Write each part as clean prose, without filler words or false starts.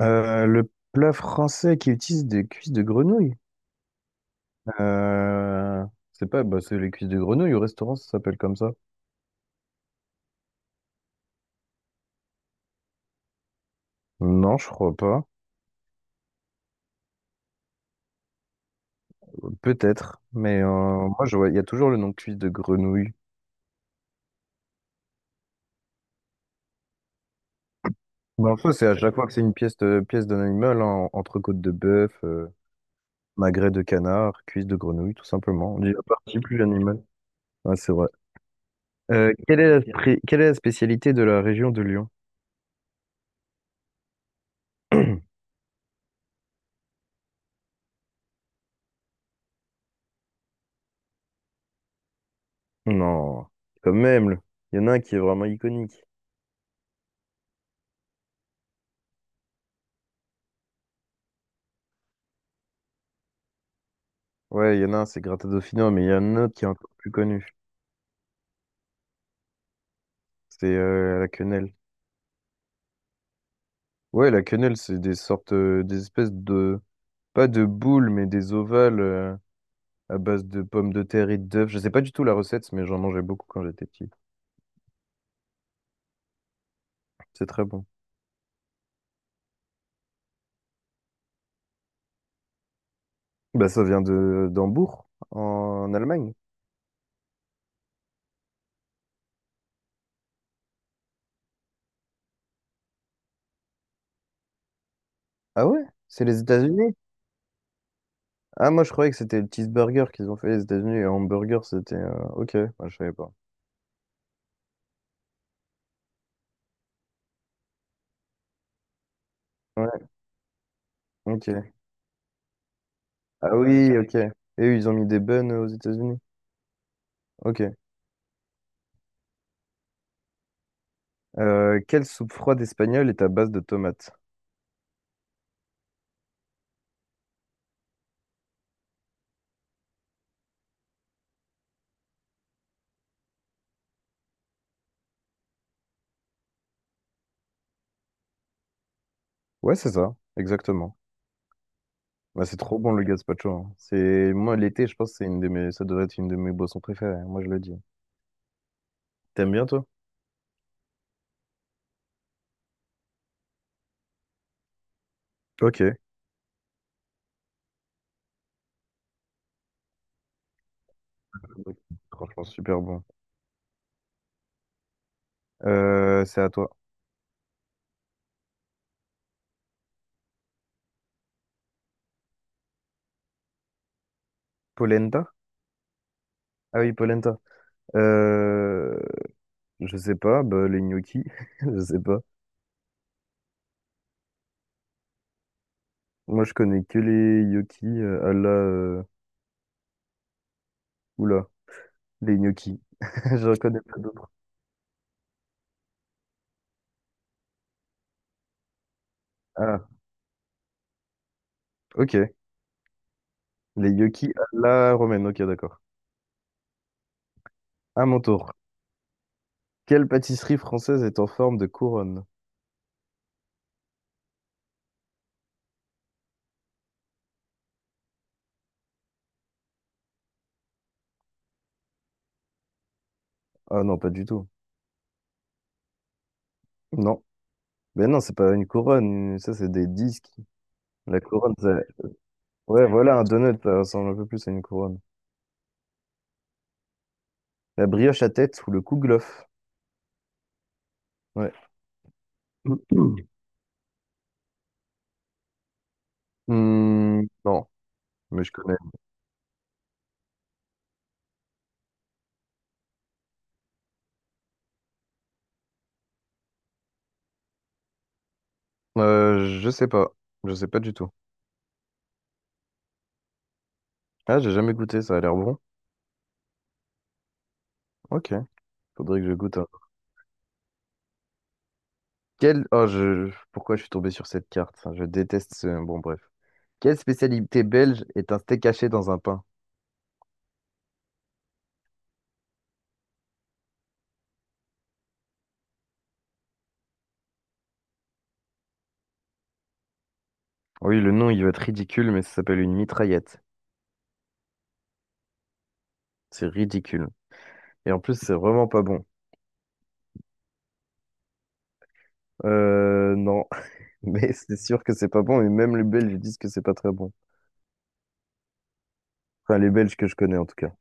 Le plat français qui utilise des cuisses de grenouille. Euh, c'est pas, bah, c'est les cuisses de grenouille au restaurant, ça s'appelle comme ça. Non, je crois pas. Peut-être, mais moi, je vois, il y a toujours le nom de cuisse de grenouille. Mais en soi, c'est à chaque fois que c'est une pièce, pièce d'un animal, hein, entrecôte de bœuf, magret de canard, cuisse de grenouille, tout simplement. On dit la partie plus l'animal. Ouais, c'est vrai. Quelle est la, quelle est la spécialité de la région de Lyon? Non, quand même. Il y en a un qui est vraiment iconique. Ouais, il y en a un, c'est Gratta Dauphinois, mais il y en a un autre qui est encore plus connu. C'est la quenelle. Ouais, la quenelle, c'est des sortes, des espèces de, pas de boules, mais des ovales à base de pommes de terre et d'œufs. Je sais pas du tout la recette, mais j'en mangeais beaucoup quand j'étais petit. C'est très bon. Bah, ça vient de d'Hambourg, en Allemagne. Ah ouais? C'est les États-Unis? Ah, moi, je croyais que c'était le cheeseburger qu'ils ont fait les États-Unis. Et hamburger, c'était. Ok, moi, je savais pas. Ouais, ok. Ah oui, ok. Et eux, ils ont mis des buns aux États-Unis. Ok. Quelle soupe froide espagnole est à base de tomates? Ouais, c'est ça, exactement. Bah, c'est trop bon le gazpacho, hein. C'est moi l'été, je pense que c'est une de mes, ça devrait être une de mes boissons préférées. Moi, je le dis. T'aimes bien toi? Ok. Franchement, super bon. C'est à toi. Polenta? Ah oui, polenta. Euh, je sais pas. Bah, les gnocchis. Je sais pas. Moi, je connais que les gnocchis à la. Oula, les gnocchis. Je reconnais pas d'autres. Ah, ok. Les gnocchis à la romaine. Ok, d'accord. À mon tour. Quelle pâtisserie française est en forme de couronne? Ah non, pas du tout. Non. Ben non, c'est pas une couronne. Ça, c'est des disques. La couronne, ça... Ouais, voilà, un donut, ça ressemble un peu plus à une couronne. La brioche à tête ou le kouglof. Ouais. Hmm, non, mais je connais. Je sais pas. Je sais pas du tout. Ah, j'ai jamais goûté, ça a l'air bon. Ok, faudrait que je goûte un. Pourquoi je suis tombé sur cette carte? Bon, bref. Quelle spécialité belge est un steak haché dans un pain? Oui, le nom, il va être ridicule, mais ça s'appelle une mitraillette. C'est ridicule. Et en plus, c'est vraiment pas bon. Non. Mais c'est sûr que c'est pas bon, et même les Belges disent que c'est pas très bon. Enfin, les Belges que je connais, en tout cas.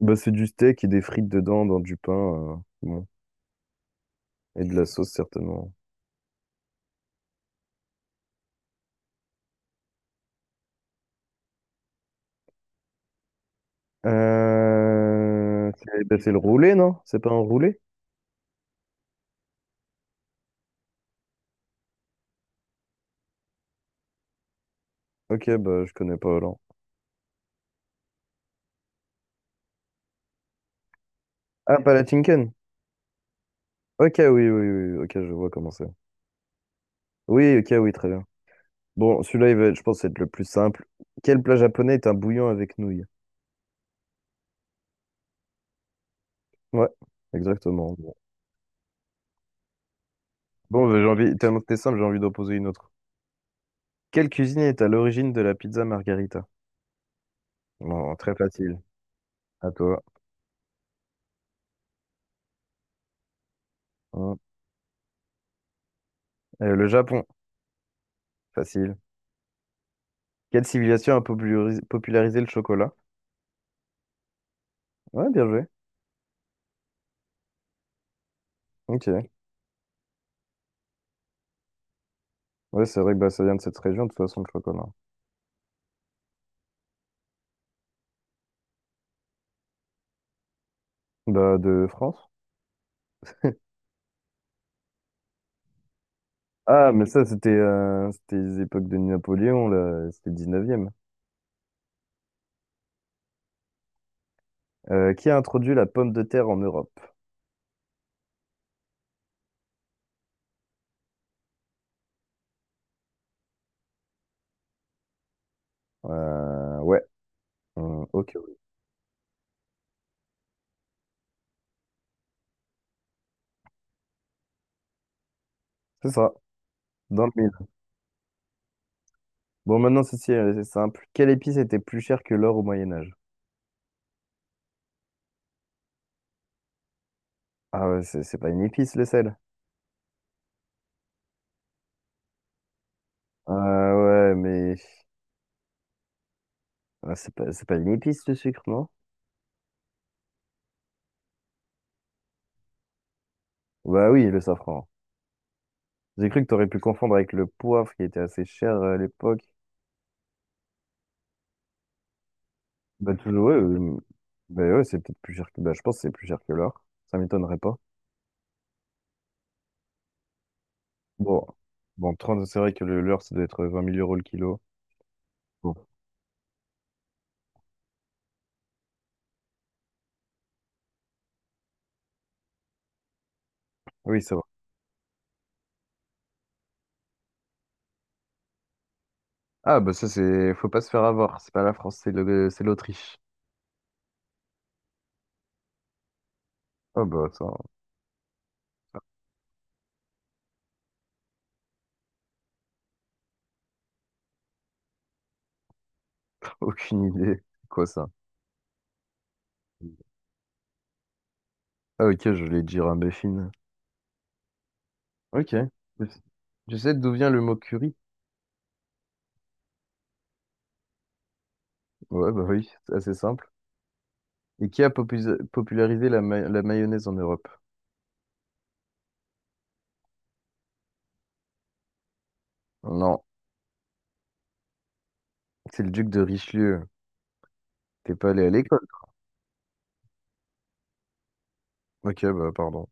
Bah, c'est du steak et des frites dedans, dans du pain, bon. Et de la sauce, certainement. C'est le roulé, non? C'est pas un roulé? Ok, bah, je connais pas Hollande. Ah, Palatinken? Ok, oui, ok, je vois comment c'est. Oui, ok, oui, très bien. Bon, celui-là, je pense, être le plus simple. Quel plat japonais est un bouillon avec nouilles? Ouais, exactement. Bon, bah, j'ai envie, tellement que t'es simple, j'ai envie d'en poser une autre. Quelle cuisine est à l'origine de la pizza margarita? Bon, très facile. À toi. Hein. Le Japon, facile. Quelle civilisation a popularisé le chocolat? Ouais, bien joué. Ok. Ouais, c'est vrai que bah, ça vient de cette région, de toute façon, le chocolat. Bah, de France? Ah, mais ça, c'était les époques de Napoléon, là. C'était le 19e. Qui a introduit la pomme de terre en Europe? Ouais. Ok, ouais. C'est ça. Dans le mille. Bon, maintenant, ceci, c'est simple. Quelle épice était plus chère que l'or au Moyen-Âge? Ah ouais, c'est pas une épice, le sel. Ah ouais, mais... ah, c'est pas une épice, le sucre, non? Bah oui, le safran. J'ai cru que t'aurais pu confondre avec le poivre qui était assez cher à l'époque. Bah toujours, bah ouais, c'est peut-être plus cher que... Bah je pense que c'est plus cher que l'or. Ça m'étonnerait pas. Bon, bon 30, c'est vrai que le leurre, ça doit être 20 000 euros le kilo. Bon. Oui, ça va. Ah, bah ça, c'est... Faut pas se faire avoir. C'est pas la France, c'est l'Autriche. Ah bah ça, aucune idée. C'est quoi ça? Ah ok, je voulais dire un béfine. Ok. Je je sais d'où vient le mot curry. Ouais, bah oui, c'est assez simple. Et qui a popularisé la, la mayonnaise en Europe? Non, c'est le duc de Richelieu. T'es pas allé à l'école. Ok, bah pardon.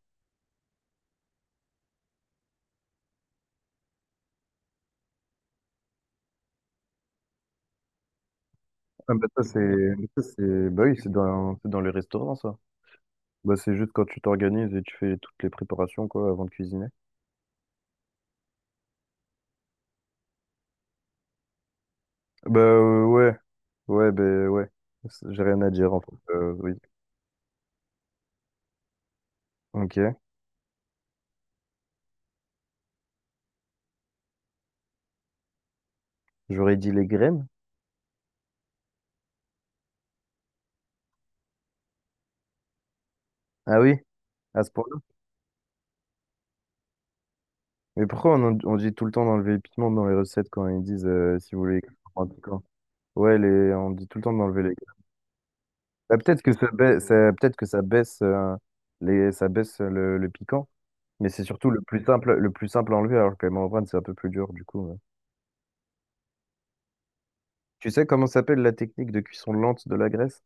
Ah bah ça c'est... Bah oui, c'est dans les restaurants, ça. Bah, c'est juste quand tu t'organises et tu fais toutes les préparations quoi avant de cuisiner. Bah euh, ouais, ouais, bah ouais. J'ai rien à dire en fait. Oui. Ok. J'aurais dit les graines. Ah oui, à ce point-là. Mais pourquoi on, on dit tout le temps d'enlever les piments dans les recettes quand ils disent si vous voulez en piquant? Ouais, on dit tout le temps d'enlever les graines. Bah, peut-être que ça baisse ça baisse le piquant, mais c'est surtout le plus simple à enlever alors que les membranes c'est un peu plus dur du coup, ouais. Tu sais comment s'appelle la technique de cuisson lente de la graisse?